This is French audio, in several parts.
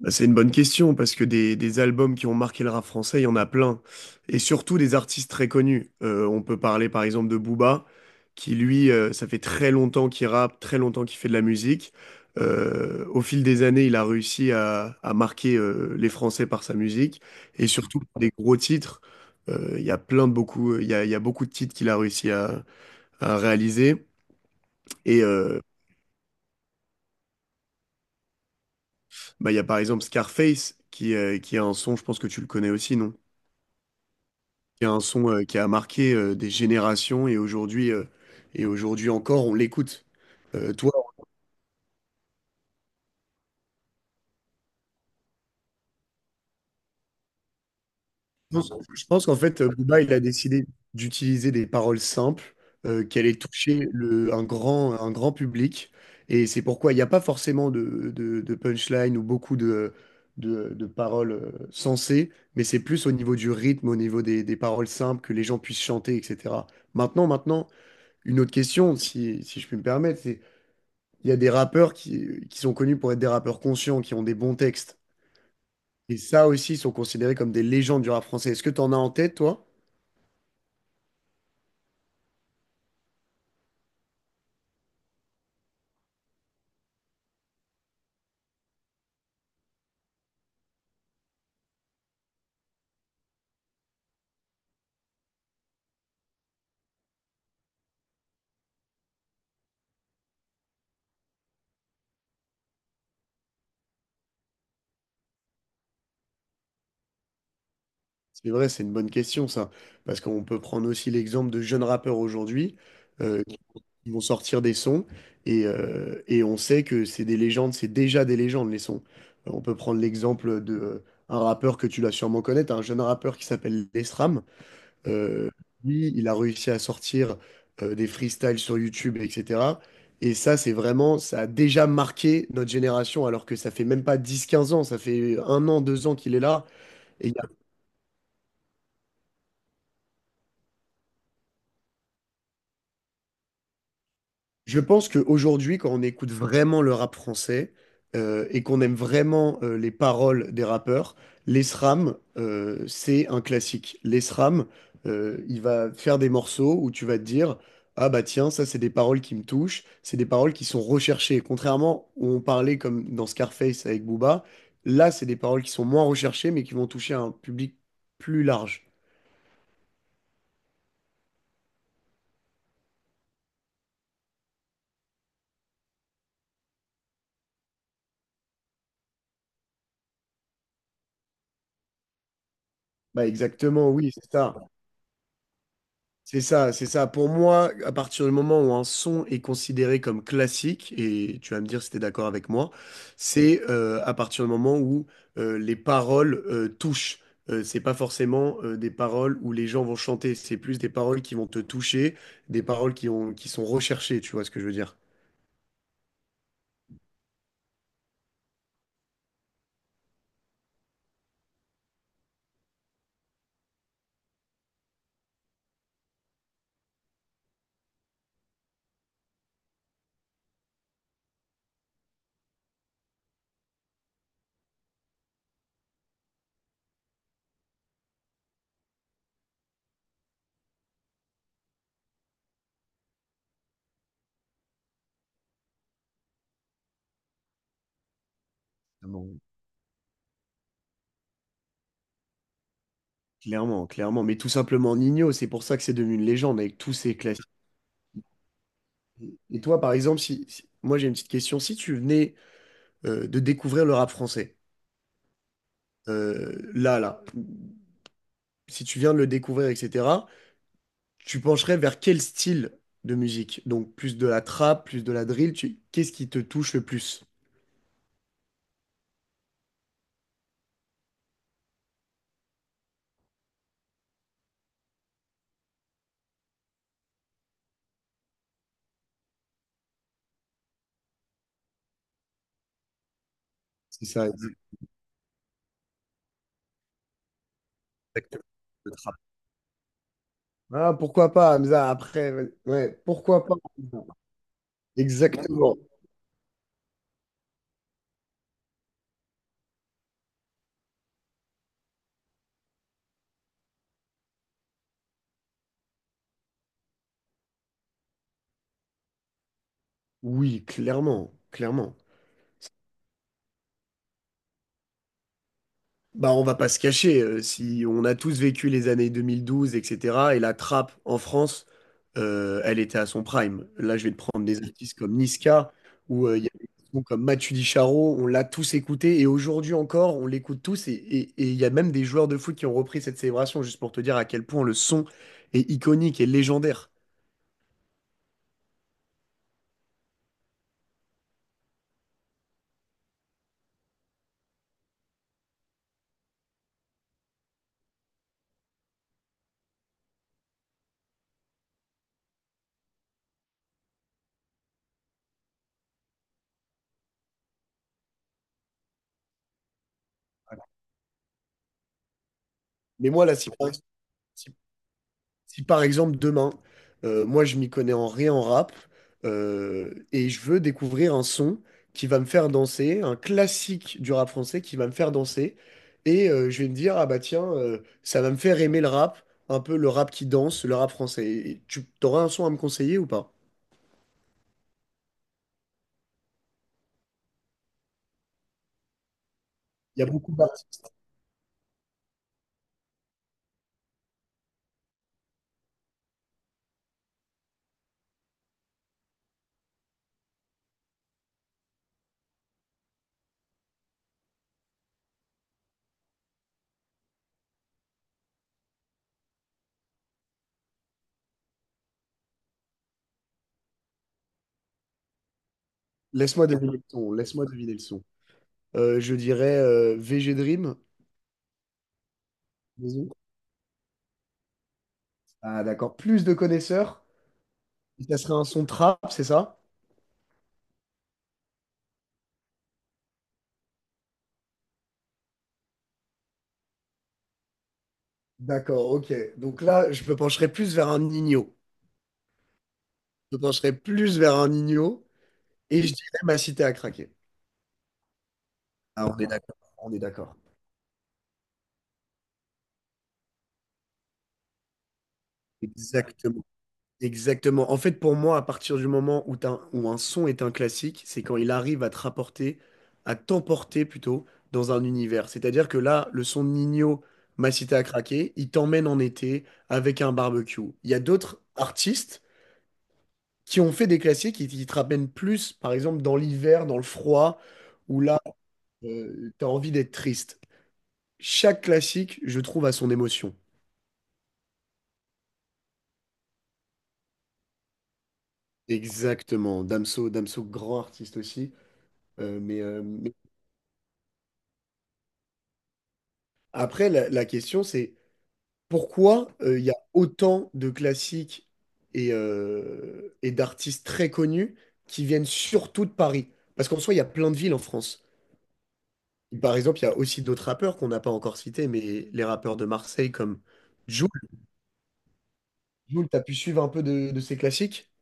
Bah, c'est une bonne question parce que des albums qui ont marqué le rap français, il y en a plein. Et surtout des artistes très connus. On peut parler par exemple de Booba, qui lui, ça fait très longtemps qu'il rappe, très longtemps qu'il fait de la musique. Au fil des années, il a réussi à marquer les Français par sa musique. Et surtout des gros titres. Il y a il y a beaucoup de titres qu'il a réussi à réaliser. Et euh, il y a par exemple Scarface, qui a un son, je pense que tu le connais aussi, non? Qui est un son qui a marqué des générations et aujourd'hui encore, on l'écoute. Euh, toi, je pense qu'en fait, Booba, il a décidé d'utiliser des paroles simples, qu'elle ait touché un un grand public. Et c'est pourquoi il n'y a pas forcément de punchline ou beaucoup de paroles sensées, mais c'est plus au niveau du rythme, au niveau des paroles simples, que les gens puissent chanter, etc. Maintenant, une autre question, si je puis me permettre, c'est: il y a des rappeurs qui sont connus pour être des rappeurs conscients, qui ont des bons textes. Et ça aussi, ils sont considérés comme des légendes du rap français. Est-ce que tu en as en tête, toi? C'est vrai, c'est une bonne question, ça. Parce qu'on peut prendre aussi l'exemple de jeunes rappeurs aujourd'hui, euh, qui vont sortir des sons et on sait que c'est des légendes, c'est déjà des légendes, les sons. On peut prendre l'exemple de un rappeur que tu dois sûrement connaître, un jeune rappeur qui s'appelle Lesram. Euh, lui, il a réussi à sortir des freestyles sur YouTube, etc. Et ça, c'est vraiment, ça a déjà marqué notre génération, alors que ça fait même pas dix, quinze ans, ça fait un an, deux ans qu'il est là, et il y... Je pense qu'aujourd'hui, quand on écoute vraiment le rap français et qu'on aime vraiment les paroles des rappeurs, l'ESRAM, c'est un classique. L'ESRAM, il va faire des morceaux où tu vas te dire: ah bah tiens, ça c'est des paroles qui me touchent, c'est des paroles qui sont recherchées. Contrairement où on parlait comme dans Scarface avec Booba, là c'est des paroles qui sont moins recherchées mais qui vont toucher un public plus large. Bah exactement, oui, c'est ça. C'est ça, c'est ça. Pour moi, à partir du moment où un son est considéré comme classique, et tu vas me dire si tu es d'accord avec moi, c'est à partir du moment où les paroles touchent. C'est pas forcément des paroles où les gens vont chanter, c'est plus des paroles qui vont te toucher, des paroles qui ont, qui sont recherchées, tu vois ce que je veux dire? Ah bon. Clairement, clairement. Mais tout simplement Nino, c'est pour ça que c'est devenu une légende avec tous ces classiques. Et toi, par exemple, moi j'ai une petite question, si tu venais de découvrir le rap français, euh, là, là, si tu viens de le découvrir, etc., tu pencherais vers quel style de musique? Donc plus de la trap, plus de la drill, tu... qu'est-ce qui te touche le plus? C'est ça, exactement. Le trap. Ah, pourquoi pas, Hamza, après, ouais, pourquoi pas? Exactement. Oui, clairement, clairement. Bah, on va pas se cacher, si on a tous vécu les années 2012, etc., et cetera, et la trappe en France, elle était à son prime. Là, je vais te prendre des artistes comme Niska, ou il y a des sons comme Matu Dicharo, on l'a tous écouté, et aujourd'hui encore, on l'écoute tous, et il y a même des joueurs de foot qui ont repris cette célébration, juste pour te dire à quel point le son est iconique et légendaire. Mais moi, là, si, si par exemple demain, moi je m'y connais en rien en rap et je veux découvrir un son qui va me faire danser, un classique du rap français qui va me faire danser et je vais me dire ah bah tiens ça va me faire aimer le rap, un peu le rap qui danse, le rap français. Et tu t'aurais un son à me conseiller ou pas? Il y a beaucoup d'artistes. Laisse-moi deviner le son. Laisse-moi deviner le son. Je dirais VG Dream. Bisous. Ah d'accord. Plus de connaisseurs. Ça serait un son trap, c'est ça? D'accord, ok. Donc là, je me pencherai plus vers un Nino. Je me pencherai plus vers un Nino et je dirais ma cité à craquer. Ah, on est d'accord, on est d'accord. Exactement. Exactement. En fait, pour moi, à partir du moment où, où un son est un classique, c'est quand il arrive à te rapporter, à t'emporter plutôt, dans un univers. C'est-à-dire que là, le son de Nino, ma cité à craquer, il t'emmène en été avec un barbecue. Il y a d'autres artistes qui ont fait des classiques qui te ramènent plus, par exemple, dans l'hiver, dans le froid, où là, t'as envie d'être triste. Chaque classique, je trouve, a son émotion. Exactement. Damso, grand artiste aussi. Euh, mais, euh, mais- Après, la question, c'est pourquoi il y a autant de classiques et d'artistes très connus qui viennent surtout de Paris? Parce qu'en soi, il y a plein de villes en France. Par exemple, il y a aussi d'autres rappeurs qu'on n'a pas encore cités, mais les rappeurs de Marseille comme... Jul. Jules, t'as pu suivre un peu de ces classiques?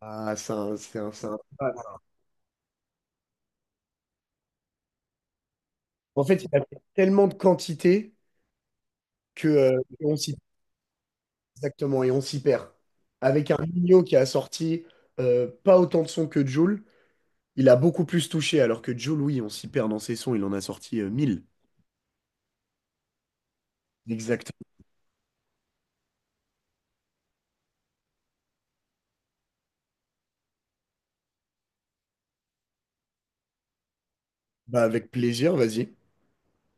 Ah. En fait, il y a tellement de quantité que on s'y... exactement et on s'y perd. Avec un Nino qui a sorti pas autant de sons que Jul, il a beaucoup plus touché, alors que Joe Louis, on s'y perd dans ses sons, il en a sorti 1 000. Exactement. Bah, avec plaisir, vas-y.